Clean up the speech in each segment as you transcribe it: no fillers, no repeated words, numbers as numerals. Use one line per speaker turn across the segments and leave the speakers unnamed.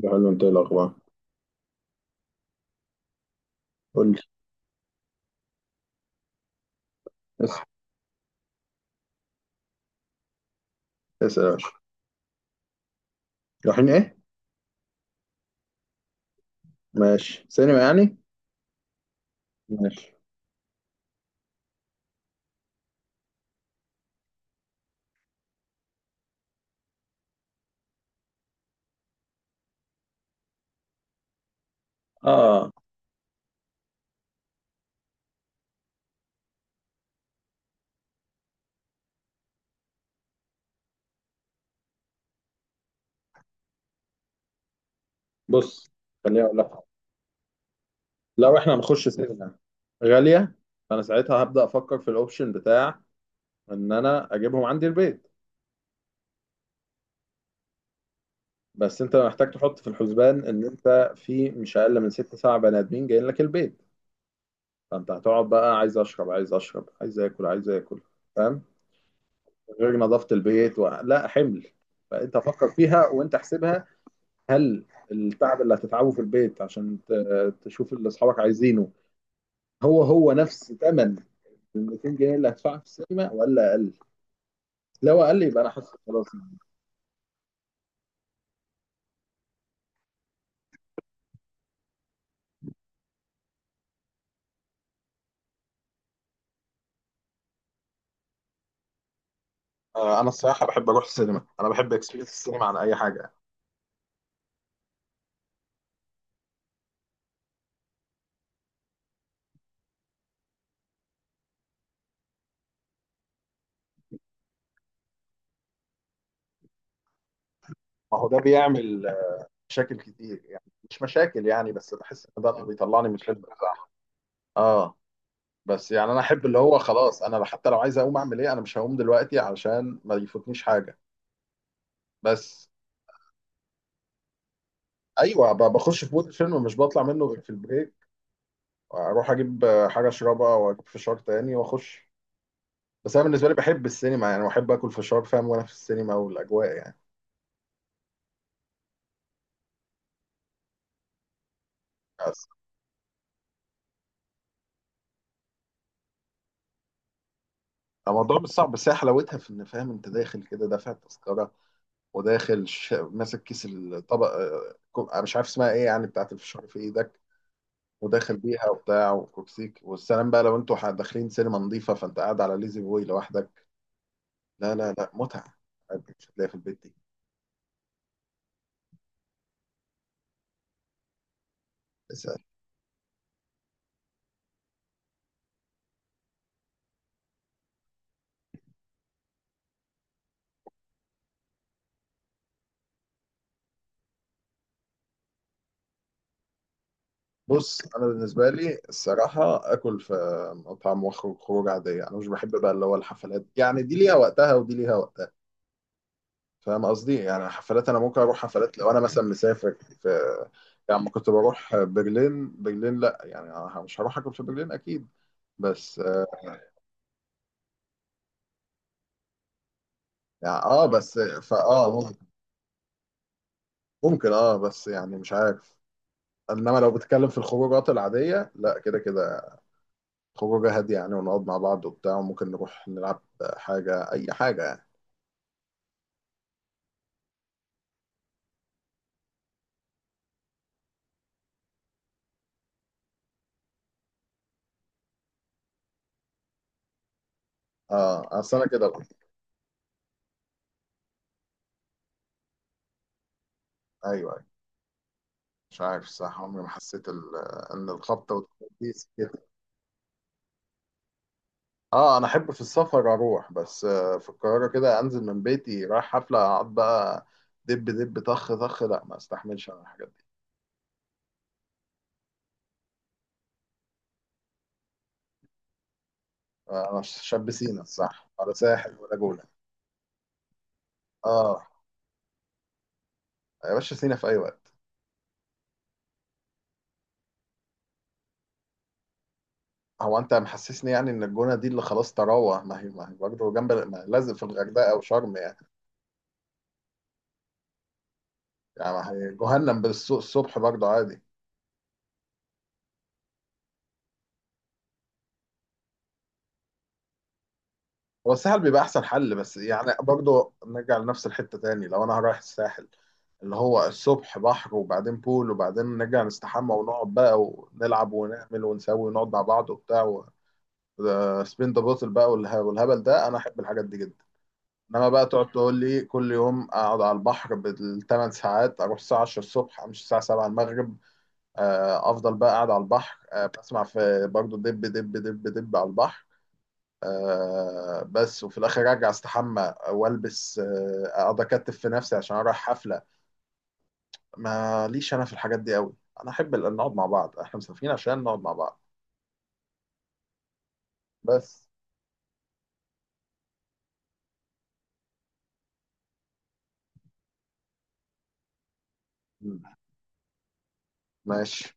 ده حلو. انت ايه الاخبار؟ قول لي. اسال. اسال يا باشا. رايحين ايه؟ ماشي، سينما يعني. ماشي. اه. بص، خليني اقول لك. لو احنا هنخش سينما غاليه، فانا ساعتها هبدا افكر في الاوبشن بتاع ان انا اجيبهم عندي البيت. بس انت محتاج تحط في الحسبان ان انت في مش اقل من ست سبع بني ادمين جايين لك البيت. فانت هتقعد بقى عايز اشرب عايز اشرب عايز اكل عايز اكل. فاهم؟ غير نظافه البيت و لا حمل. فانت فكر فيها وانت احسبها. هل التعب اللي هتتعبه في البيت عشان تشوف اللي اصحابك عايزينه هو هو نفس ثمن ال 200 جنيه اللي هدفعها في السينما ولا اقل؟ لو اقل يبقى انا حاسس خلاص. آه، انا الصراحه بحب اروح السينما. انا بحب اكسبيرينس السينما عن اي حاجه. ما هو ده بيعمل مشاكل كتير يعني. مش مشاكل يعني، بس بحس ان ده اللي بيطلعني من الفيلم بتاعه. اه. بس يعني انا احب اللي هو خلاص، انا حتى لو عايز اقوم اعمل ايه، انا مش هقوم دلوقتي علشان ما يفوتنيش حاجه. بس. ايوه، بخش في مود الفيلم، مش بطلع منه غير في البريك. اروح اجيب حاجه اشربها واجيب فشار تاني واخش. بس انا بالنسبه لي بحب السينما يعني، واحب اكل فشار فاهم وانا في السينما والاجواء يعني. بس. الموضوع مش صعب، بس هي حلاوتها في ان فاهم انت داخل كده دافع التذكره. وداخل ماسك كيس الطبق، أنا مش عارف اسمها ايه يعني، بتاعت الفشار في ايدك. وداخل بيها وبتاع وكوكسيك والسلام بقى. لو انتوا داخلين سينما نظيفه، فانت قاعد على ليزي بوي لوحدك. لا لا لا، متعه مش هتلاقيها في البيت. دي بص، انا بالنسبه لي الصراحه اكل في مطعم واخرج خروج عاديه. انا مش بحب بقى اللي هو الحفلات يعني. دي ليها وقتها ودي ليها وقتها. فاهم قصدي؟ يعني حفلات، انا ممكن اروح حفلات لو انا مثلا مسافر في... يعني لما كنت بروح برلين. برلين، لا يعني أنا مش هروح اكل في برلين اكيد. بس. يعني بس فا اه ممكن بس يعني مش عارف. انما لو بتتكلم في الخروجات العاديه، لا، كده كده خروجه هاديه يعني، ونقعد مع بعض وبتاع، وممكن نروح نلعب حاجه، اي حاجه يعني. اه، اصل انا كده بقى. ايوه ايوه. مش عارف صح، عمري ما حسيت ان الخبطه والتخبيط دي سكتي. اه، انا احب في السفر اروح، بس في القاهره كده انزل من بيتي رايح حفله، اقعد بقى دب دب طخ طخ؟ لا، ما استحملش انا الحاجات دي. آه، انا شاب سينا، صح، ولا ساحل ولا جونه. اه. يا باشا سينا في اي وقت. هو انت محسسني يعني ان الجونه دي اللي خلاص تراوه. ما هي برضه جنب، ما لازم في الغردقه او شرم يعني. يعني ما هي جهنم بالصبح برضه عادي. هو الساحل بيبقى احسن حل، بس يعني برضه نرجع لنفس الحتة تاني. لو انا رايح الساحل، اللي هو الصبح بحر وبعدين بول وبعدين نرجع نستحمى ونقعد بقى ونلعب ونعمل ونسوي ونقعد مع بعض وبتاع، سبين ذا بوتل بقى والهبل ده، انا احب الحاجات دي جدا. انما بقى تقعد تقول لي كل يوم اقعد على البحر بالثمان ساعات، اروح الساعه 10 الصبح امشي الساعه 7 المغرب. افضل بقى قاعد على البحر، بسمع في برضه دب دب دب دب على البحر، بس وفي الاخر ارجع استحمى والبس، اقعد اكتف في نفسي عشان اروح حفله. ماليش انا في الحاجات دي قوي. انا احب نقعد مع بعض. احنا مسافرين عشان نقعد مع بعض. بس. م. ماشي.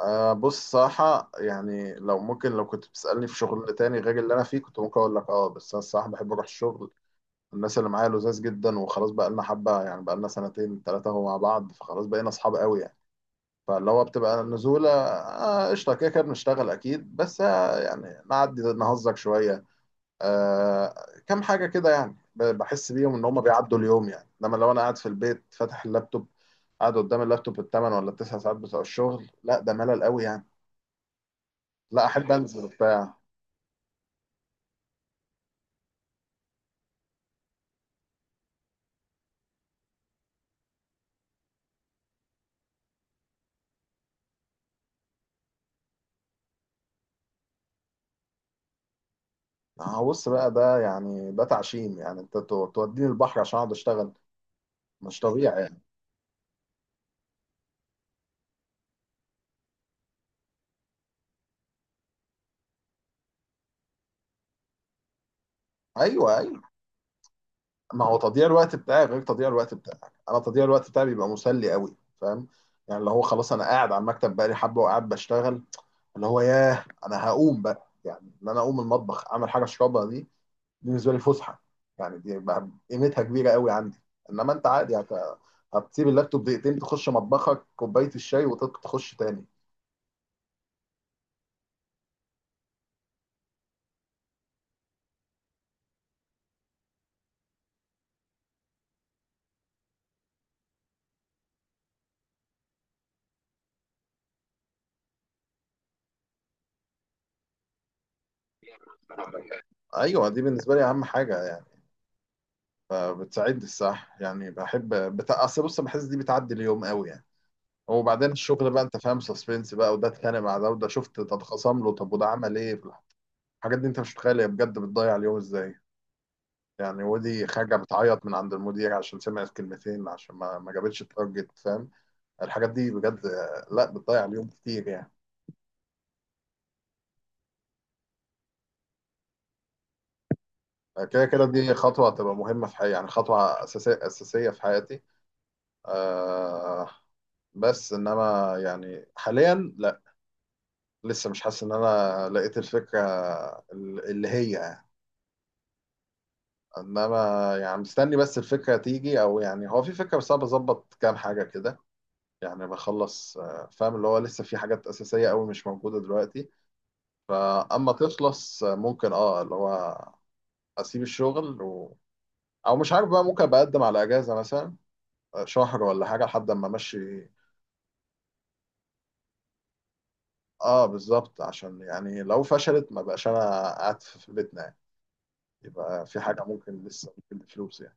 بص صراحة، يعني لو ممكن، لو كنت بتسألني في شغل تاني غير اللي أنا فيه، كنت ممكن أقول لك أه، بس أنا الصراحة بحب أروح الشغل. الناس اللي معايا لذاذ جدا، وخلاص بقالنا حبة يعني، بقالنا سنتين تلاتة أهو مع بعض، فخلاص بقينا أصحاب قوي يعني. فاللي هو بتبقى النزولة قشطة، كده كده بنشتغل أكيد، بس يعني نعدي نهزك شوية. آه، كام حاجة كده يعني، بحس بيهم إن هما بيعدوا اليوم يعني. إنما لو أنا قاعد في البيت فاتح اللابتوب، قاعد قدام اللابتوب الثمان ولا التسع ساعات بتوع الشغل، لا، ده ملل قوي يعني. لا، أحب أنزل بتاع. هبص بقى، ده يعني ده تعشيم يعني، أنت توديني البحر عشان أقعد أشتغل؟ مش طبيعي يعني. أيوه أيوه. ما هو تضييع الوقت بتاعي غير تضييع الوقت بتاعك. انا تضييع الوقت بتاعي بيبقى مسلي قوي، فاهم؟ يعني اللي هو خلاص، انا قاعد على المكتب بقالي حبه وقاعد بشتغل، اللي هو ياه، انا هقوم بقى، يعني ان انا اقوم المطبخ اعمل حاجه اشربها دي. بالنسبه لي فسحه. يعني دي بقى قيمتها كبيره قوي عندي. انما انت عادي هتسيب اللابتوب دقيقتين، تخش مطبخك كوبايه الشاي وتخش تاني. ايوه، دي بالنسبه لي اهم حاجه يعني. بتساعدني الصح يعني. بحب اصل بص، بحس دي بتعدي اليوم قوي يعني. وبعدين الشغل بقى، انت فاهم، سسبنس بقى، وده اتخانق مع ده، وده شفت تتخاصم له، طب وده عمل ايه في الحاجات دي انت مش متخيل هي بجد بتضيع اليوم ازاي. يعني ودي خارجه بتعيط من عند المدير عشان سمعت كلمتين، عشان ما جابتش التارجت، فاهم؟ الحاجات دي بجد لا، بتضيع اليوم كتير يعني. آه، كده كده دي خطوه هتبقى مهمه في حياتي، يعني خطوه اساسيه اساسيه في حياتي. آه. بس انما يعني حاليا لا. لسه مش حاسس ان انا لقيت الفكره اللي هي. انما يعني مستني بس الفكره تيجي، او يعني هو في فكره، بس انا بظبط كام حاجه كده. يعني بخلص فاهم اللي هو لسه في حاجات اساسيه قوي مش موجوده دلوقتي. فاما تخلص، ممكن اللي هو اسيب الشغل او مش عارف بقى، ممكن بقدم على اجازه مثلا، شهر ولا حاجه لحد اما امشي. اه، بالظبط، عشان يعني لو فشلت ما بقاش انا قاعد في بيتنا يعني. يبقى في حاجه ممكن، لسه ممكن بفلوس يعني.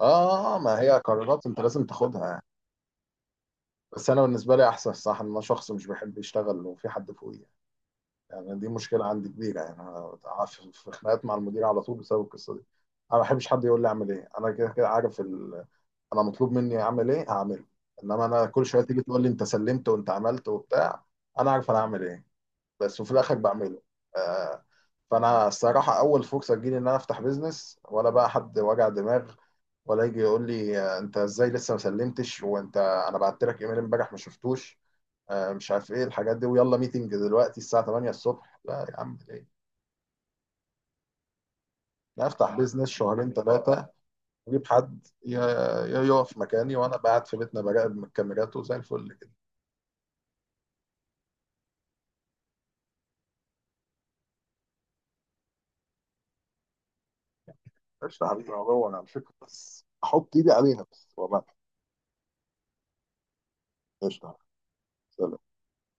اه، ما هي قرارات انت لازم تاخدها يعني. بس انا بالنسبه لي احسن صح ان انا شخص مش بيحب يشتغل وفي حد فوقيه. يعني دي مشكله عندي كبيره يعني. انا في خناقات مع المدير على طول بسبب القصه دي. انا ما بحبش حد يقول لي اعمل ايه. انا كده كده عارف انا مطلوب مني اعمل ايه هعمله. انما انا كل شويه تيجي تقول لي انت سلمت وانت عملت وبتاع. انا عارف انا هعمل ايه، بس، وفي الاخر بعمله. آه. فانا الصراحه اول فرصه تجيلي ان انا افتح بيزنس، ولا بقى حد وجع دماغ، ولا يجي يقول لي انت ازاي لسه ما سلمتش؟ وانت انا بعت لك ايميل امبارح ما شفتوش؟ مش عارف ايه الحاجات دي، ويلا ميتنج دلوقتي الساعة 8 الصبح. لا يا عم، ليه؟ أنا افتح بيزنس شهرين ثلاثة، اجيب حد يقف مكاني وانا قاعد في بيتنا براقب من الكاميرات وزي الفل كده. قشطة يا حبيبي، هو انا على فكرة بس احط ايدي عليها، بس وبعد. قشطة. سلام.